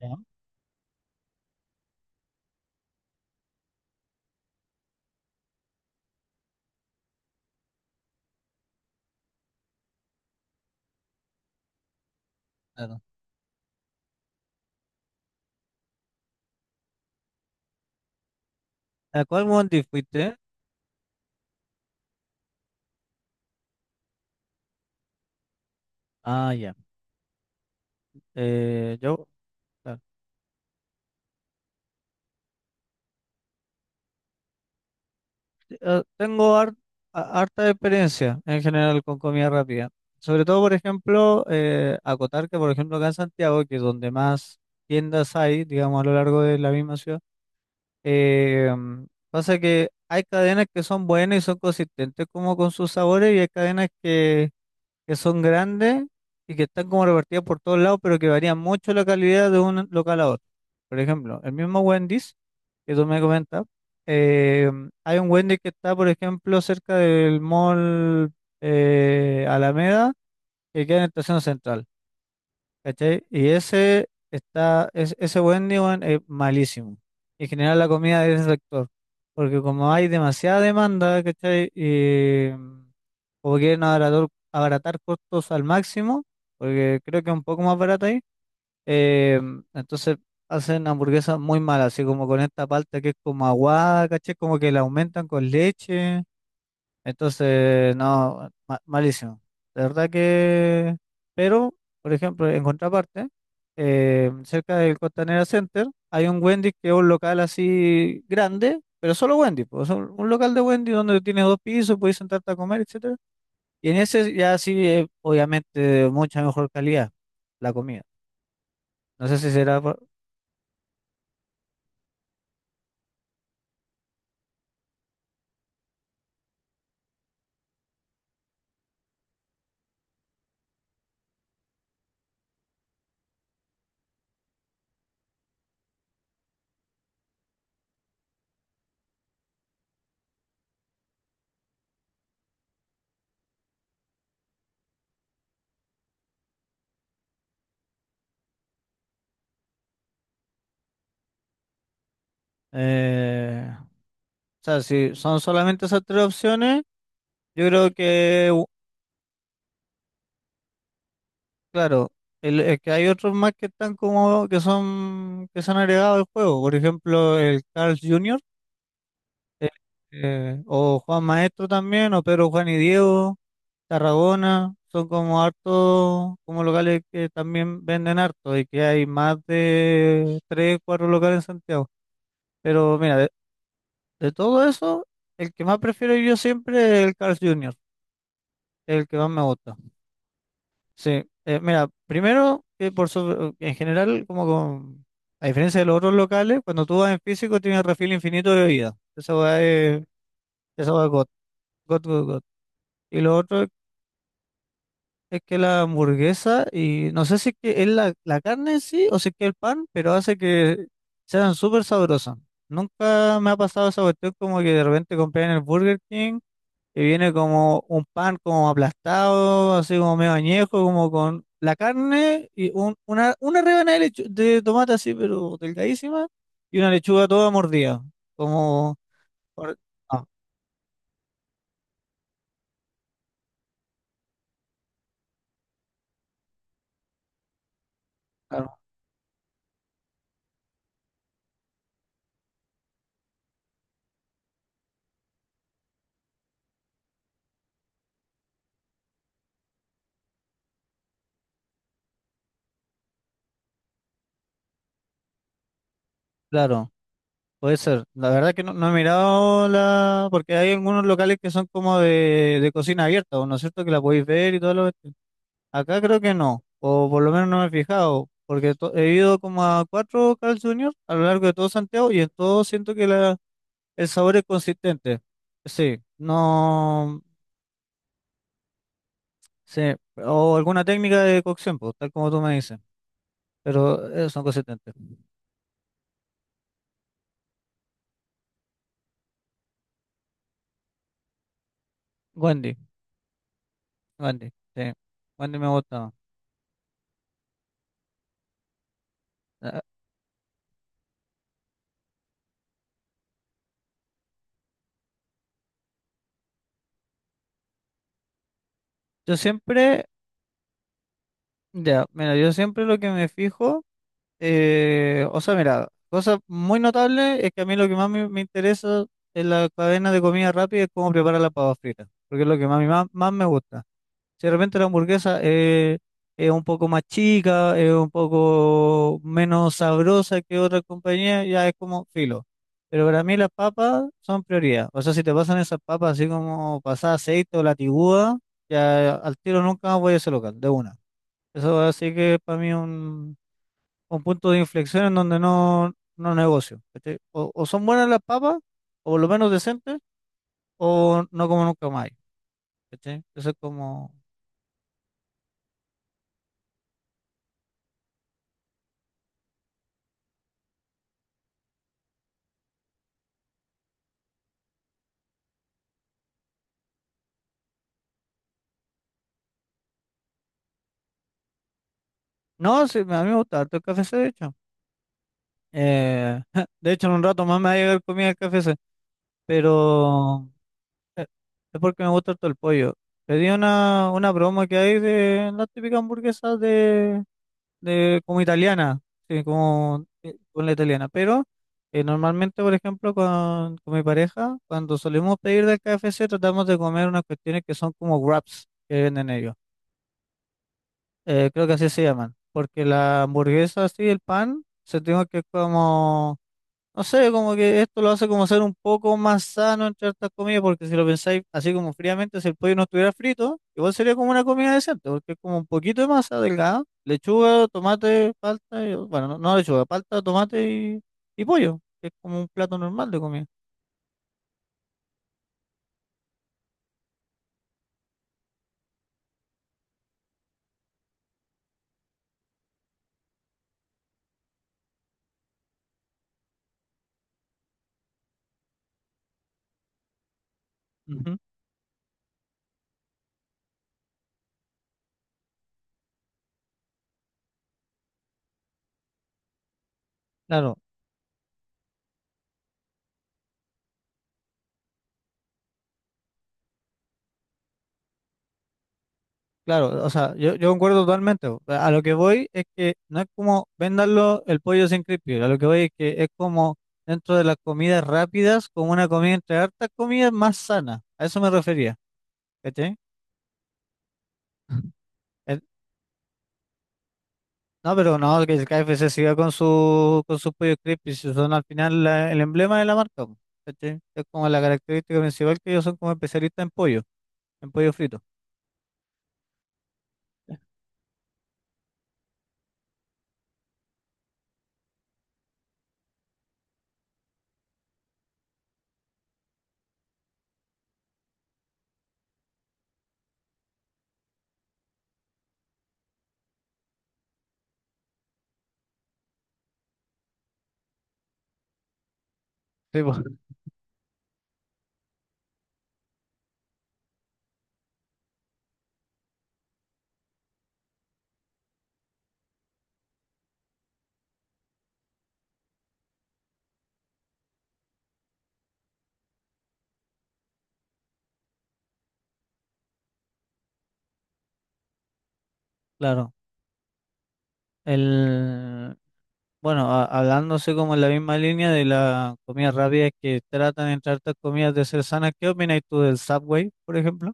Ya, claro. ¿A cuál Bondi fuiste? Ah, ya. Yo claro, tengo harta experiencia en general con comida rápida. Sobre todo, por ejemplo, acotar que, por ejemplo, acá en Santiago, que es donde más tiendas hay, digamos, a lo largo de la misma ciudad, pasa que hay cadenas que son buenas y son consistentes como con sus sabores y hay cadenas que son grandes y que están como repartidas por todos lados, pero que varían mucho la calidad de un local a otro. Por ejemplo, el mismo Wendy's que tú me comentas, eh, hay un Wendy's que está, por ejemplo, cerca del Mall Alameda, que queda en la Estación Central, ¿cachai? Y ese está, ese Wendy's weón, es malísimo. En general la comida de ese sector, porque como hay demasiada demanda, ¿cachai? Y como quieren abaratar, abaratar costos al máximo, porque creo que es un poco más barato ahí, eh, entonces hacen hamburguesas muy malas, así como con esta palta que es como aguada, caché, como que la aumentan con leche, entonces no, malísimo. De verdad que, pero, por ejemplo, en contraparte, cerca del Costanera Center hay un Wendy's que es un local así grande, pero solo Wendy's, pues, un local de Wendy's donde tienes dos pisos, puedes sentarte a comer, etc. Y en ese ya sí, obviamente, de mucha mejor calidad la comida. No sé si será... O sea, si son solamente esas tres opciones, yo creo que, claro, es que hay otros más que están como, que son, que se han agregado al juego. Por ejemplo, el Carl Junior, eh, o Juan Maestro también, o Pedro Juan y Diego, Tarragona, son como hartos, como locales que también venden harto y que hay más de tres, cuatro locales en Santiago. Pero mira, de todo eso, el que más prefiero yo siempre es el Carl Jr., el que más me gusta. Sí, mira, primero, que por sobre- en general, a diferencia de los otros locales, cuando tú vas en físico tienes refil infinito de bebida. Esa va es, esa hueá es God, God, God, God. Y lo otro es que la hamburguesa, y no sé si es que es la carne en sí o si es que el pan, pero hace que sean súper sabrosas. Nunca me ha pasado esa cuestión como que de repente compré en el Burger King, que viene como un pan como aplastado, así como medio añejo, como con la carne y una rebanada de, de tomate así, pero delgadísima, y una lechuga toda mordida, como... por- ah, claro, claro, puede ser. La verdad que no, no he mirado la... porque hay algunos locales que son como de cocina abierta, ¿no es cierto? Que la podéis ver y todo lo... Acá creo que no, o por lo menos no me he fijado. Porque he ido como a cuatro Carl Jr. a lo largo de todo Santiago y en todo siento que la... El sabor es consistente. Sí, no. Sí, o alguna técnica de cocción, pues, tal como tú me dices. Pero son consistentes. Wendy, Wendy, sí. Wendy me gusta. Ah, yo siempre, ya, mira, yo siempre lo que me fijo, o sea, mira, cosa muy notable es que a mí lo que más me interesa en la cadena de comida rápida es cómo preparar la papa frita, porque es lo que más, más, más me gusta. Si de repente la hamburguesa es un poco más chica, es un poco menos sabrosa que otra compañía, ya es como filo. Pero para mí las papas son prioridad. O sea, si te pasan esas papas así como pasada aceite o latiguda, ya al tiro nunca más voy a ese local, de una. Eso así que para mí un punto de inflexión en donde no, no negocio. ¿Cachai? O son buenas las papas, o por lo menos decentes, o no como nunca más. ¿Cachai? Eso es como... No, sí, a mí me gusta harto el KFC, de hecho. Eh, de hecho, en un rato más me va a llegar comida del KFC, pero eh, es porque me gusta harto el pollo. Pedí una broma que hay de las típicas hamburguesas de como italiana, sí, como con la italiana, pero normalmente, por ejemplo, con mi pareja, cuando solemos pedir del KFC, tratamos de comer unas cuestiones que son como wraps que venden ellos. Creo que así se llaman, porque la hamburguesa así, el pan, se tiene que como, no sé, como que esto lo hace como ser un poco más sano entre estas comidas, porque si lo pensáis así como fríamente, si el pollo no estuviera frito, igual sería como una comida decente, porque es como un poquito de masa delgada, lechuga, tomate, palta, y- bueno, no, no lechuga, palta, tomate y pollo, que es como un plato normal de comida. Ujú. Claro. Claro, o sea, yo concuerdo totalmente. Po. A lo que voy es que no es como vendanlo el pollo sin crispy. A lo que voy es que es como dentro de las comidas rápidas, como una comida entre hartas comidas más sana. A eso me refería, ¿cachai? Eh, No, pero no, que el KFC siga con sus pollos crispy, si son al final el emblema de la marca. Po, ¿cachai? Es como la característica principal que ellos son como especialistas en pollo frito. Sí, po, claro. El, Bueno, hablándose como en la misma línea de la comida rápida es que tratan entre hartas comidas de ser sanas, ¿qué opinas tú del Subway, por ejemplo?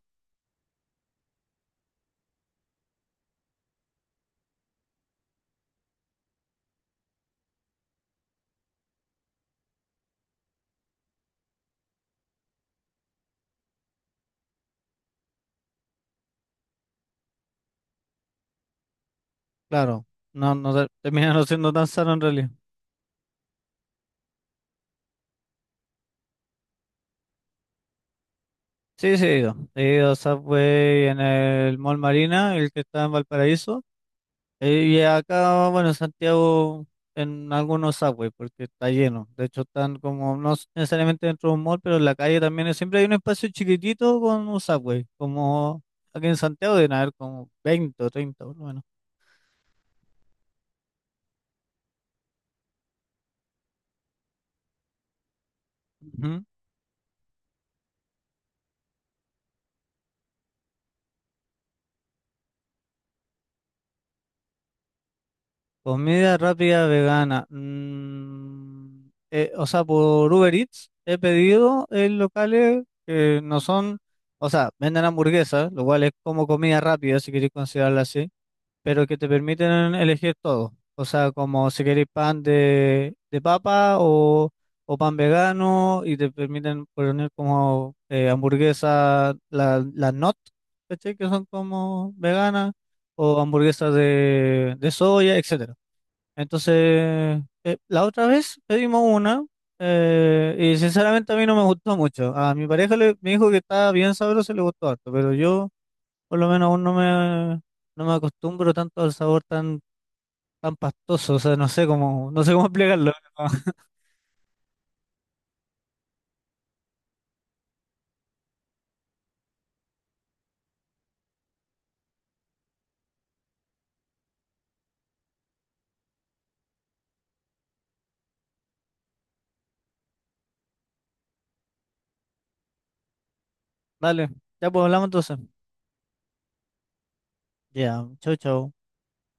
Claro, no, no termina no siendo tan sano en realidad. Sí, sí, he ido. He ido a Subway en el Mall Marina, el que está en Valparaíso. Y acá, bueno, en Santiago, en algunos subways, porque está lleno. De hecho, están como, no s- necesariamente dentro de un mall, pero en la calle también siempre hay un espacio chiquitito con un subway. Como aquí en Santiago deben haber como 20 o 30 por lo menos. Ujú. Comida rápida vegana. O sea, por Uber Eats he pedido en locales que no son, o sea, venden hamburguesas, lo cual es como comida rápida, si queréis considerarla así, pero que te permiten elegir todo. O sea, como si queréis pan de papa o pan vegano y te permiten poner como hamburguesas, las not, ¿cachai? Que son como veganas o hamburguesas de soya, etcétera. Entonces, la otra vez pedimos una y sinceramente a mí no me gustó mucho. A mi pareja le- me dijo que estaba bien sabroso y le gustó harto, pero yo... Por lo menos aún no me, no me acostumbro tanto al sabor tan, tan pastoso. O sea, no sé cómo, no sé cómo explicarlo. Dale, ya pues hablamos entonces. Ya, chau, chau.